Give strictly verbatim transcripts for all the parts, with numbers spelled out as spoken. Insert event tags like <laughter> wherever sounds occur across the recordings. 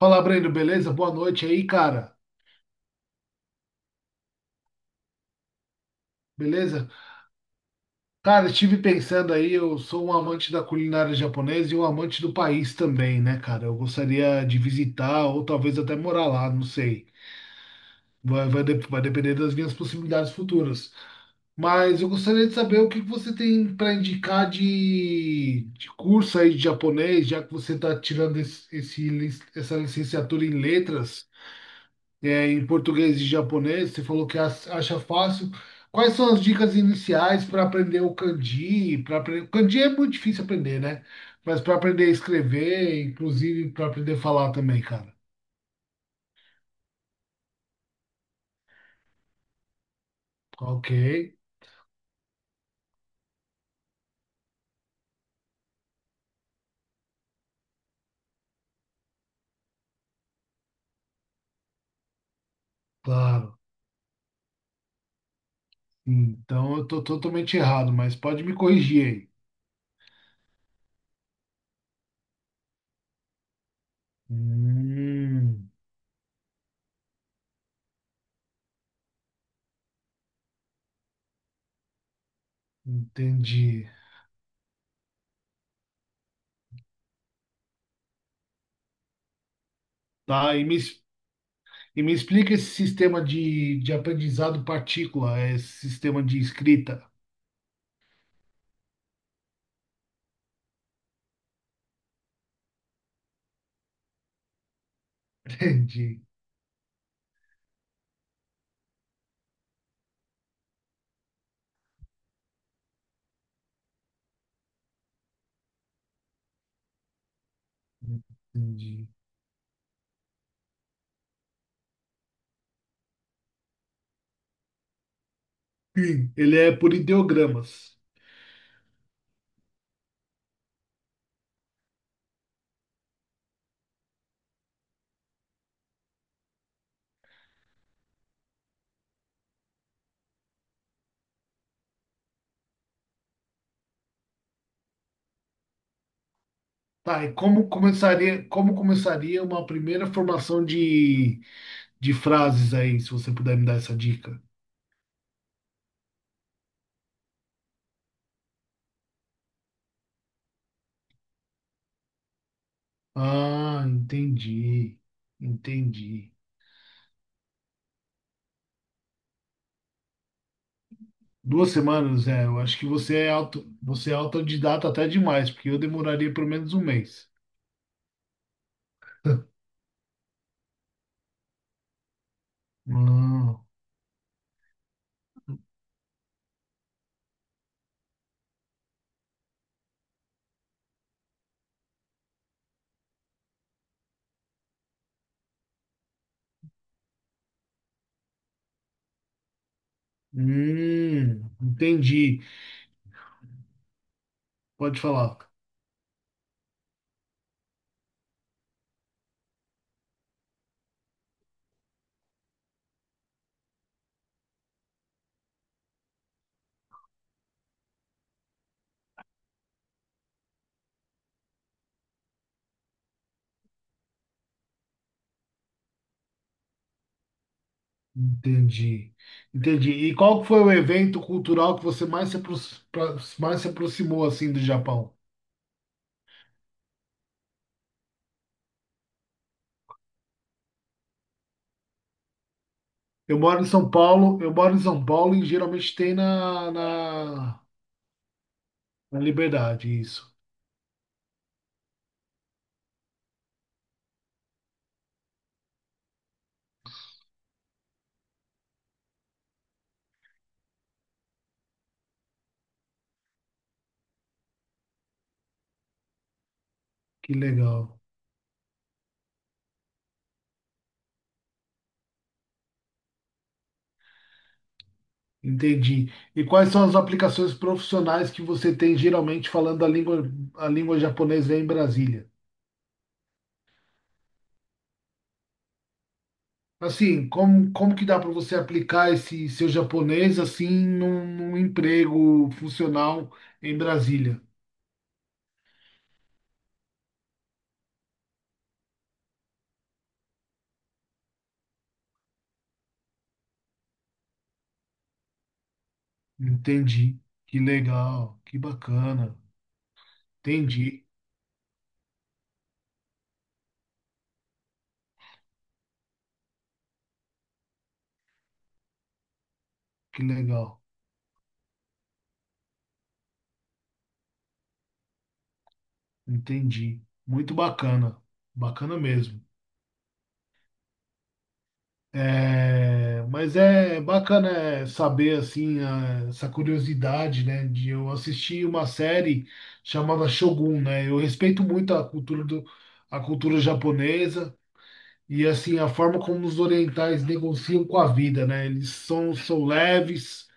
Fala, Breno, beleza? Boa noite aí, cara. Beleza? Cara, estive pensando aí, eu sou um amante da culinária japonesa e um amante do país também, né, cara? Eu gostaria de visitar ou talvez até morar lá, não sei. Vai, vai, dep- vai depender das minhas possibilidades futuras. Mas eu gostaria de saber o que que você tem para indicar de, de curso aí de japonês, já que você está tirando esse, esse lic- essa licenciatura em letras. É, em português e japonês, você falou que as- acha fácil. Quais são as dicas iniciais para aprender o kanji? Para aprender o kanji é muito difícil aprender, né? Mas para aprender a escrever, inclusive para aprender a falar também, cara. Ok, claro. Então eu tô totalmente errado, mas pode me corrigir aí. Hum, entendi. Tá, e me, es- e me explica esse sistema de, de aprendizado partícula, esse sistema de escrita. <laughs> Entendi. Entendi. Sim, ele é por ideogramas. Tá, e como começaria, como começaria uma primeira formação de, de frases aí, se você puder me dar essa dica? Ah, entendi. Entendi. Duas semanas, é, eu acho que você é auto, você é autodidata até demais, porque eu demoraria pelo menos um mês. <laughs> Ah, hum, entendi. Pode falar. Entendi. Entendi. E qual foi o evento cultural que você mais se, apros- pra- mais se aproximou assim do Japão? Eu moro em São Paulo, eu moro em São Paulo e geralmente tem na, na, na Liberdade, isso. Que legal. Entendi. E quais são as aplicações profissionais que você tem geralmente falando a língua, a língua japonesa aí em Brasília? Assim, como, como que dá para você aplicar esse seu japonês assim num, num emprego funcional em Brasília? Entendi. Que legal, que bacana. Entendi, que legal. Entendi. Muito bacana. Bacana mesmo. É, mas é bacana é, saber assim a- essa curiosidade, né, de eu assistir uma série chamada Shogun, né? Eu respeito muito a cultura do, a cultura japonesa e assim a forma como os orientais negociam com a vida, né? Eles são são leves,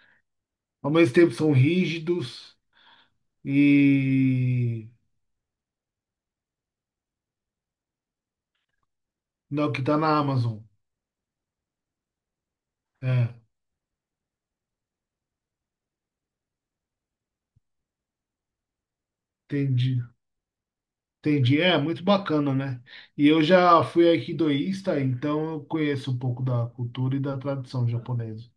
ao mesmo tempo são rígidos. E não, que tá na Amazon. É, entendi. Entendi. É, muito bacana, né? E eu já fui aikidoísta, então eu conheço um pouco da cultura e da tradição japonesa.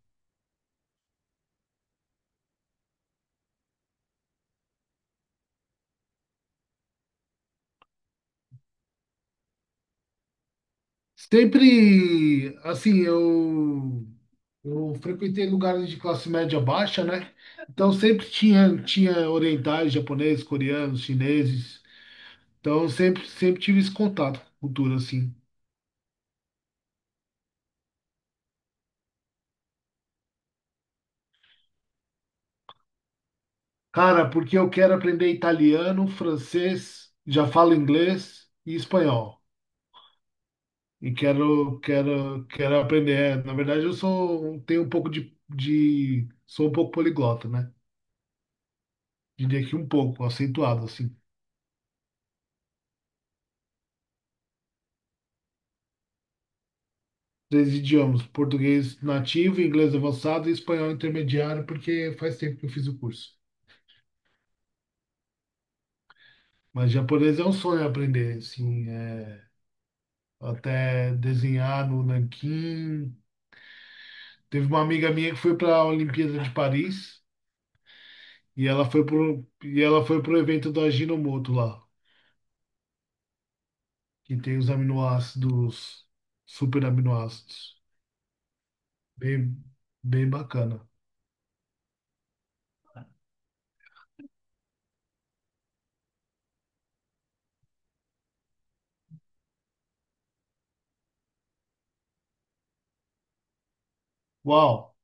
Sempre, assim, eu, eu frequentei lugares de classe média baixa, né? Então sempre tinha, tinha orientais, japoneses, coreanos, chineses. Então sempre, sempre tive esse contato com cultura, assim. Cara, porque eu quero aprender italiano, francês, já falo inglês e espanhol. E quero, quero, quero aprender. É, na verdade, eu sou, um, tenho um pouco de, de, sou um pouco poliglota, né? Diria que um pouco, acentuado, assim. Três idiomas, português nativo, inglês avançado e espanhol intermediário, porque faz tempo que eu fiz o curso. Mas japonês é um sonho aprender, assim, é, até desenhar no nanquim. Teve uma amiga minha que foi para a Olimpíada de Paris e ela foi pro, e ela foi pro evento do Ajinomoto lá. Que tem os aminoácidos, super aminoácidos. Bem, bem bacana. Uau,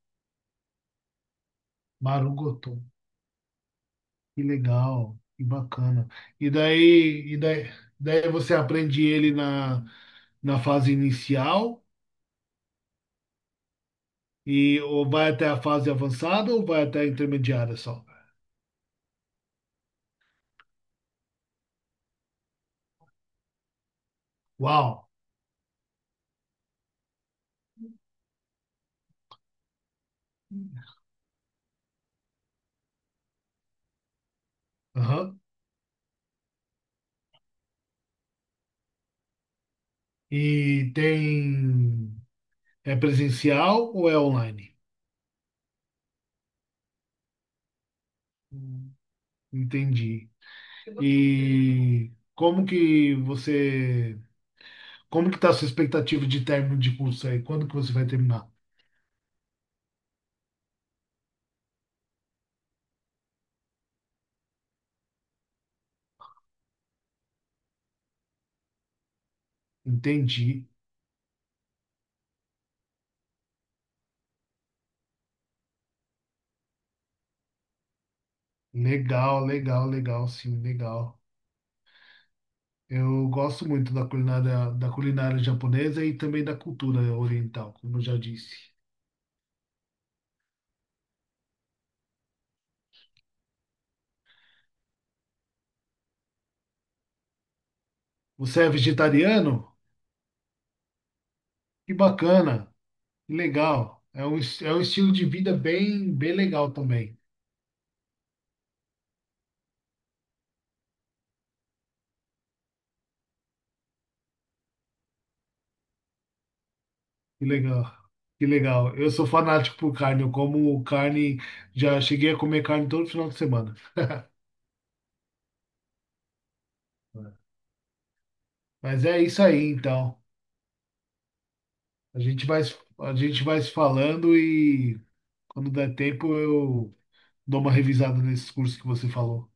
Marugoto, que legal, que bacana. E daí, e daí, daí você aprende ele na, na fase inicial e ou vai até a fase avançada ou vai até a intermediária só. Uau. Aham. E tem é presencial ou é online? Hum. Entendi. E como que você, como que tá a sua expectativa de término de curso aí? Quando que você vai terminar? Entendi. Legal, legal, legal, sim, legal. Eu gosto muito da culinária, da culinária japonesa e também da cultura oriental, como eu já disse. Você é vegetariano? Que bacana, que legal. É um, es- é um estilo de vida bem, bem legal também. Que legal, que legal. Eu sou fanático por carne, eu como carne, já cheguei a comer carne todo final de semana. Mas é isso aí, então. A gente vai, a gente vai se falando e quando der tempo eu dou uma revisada nesses cursos que você falou.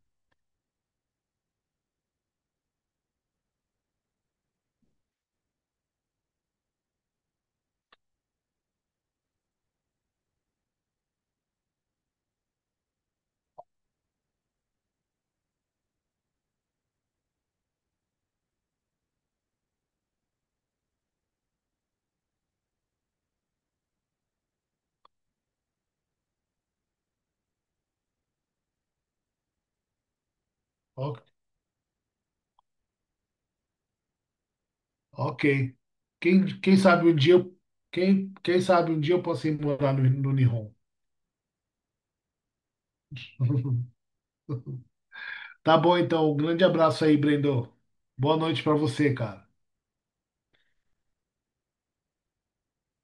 O- Ok. Quem, quem sabe um dia, eu- quem, quem sabe um dia eu posso ir morar no, no Nihon. <laughs> Tá bom, então. Um grande abraço aí, Brendo. Boa noite pra você, cara.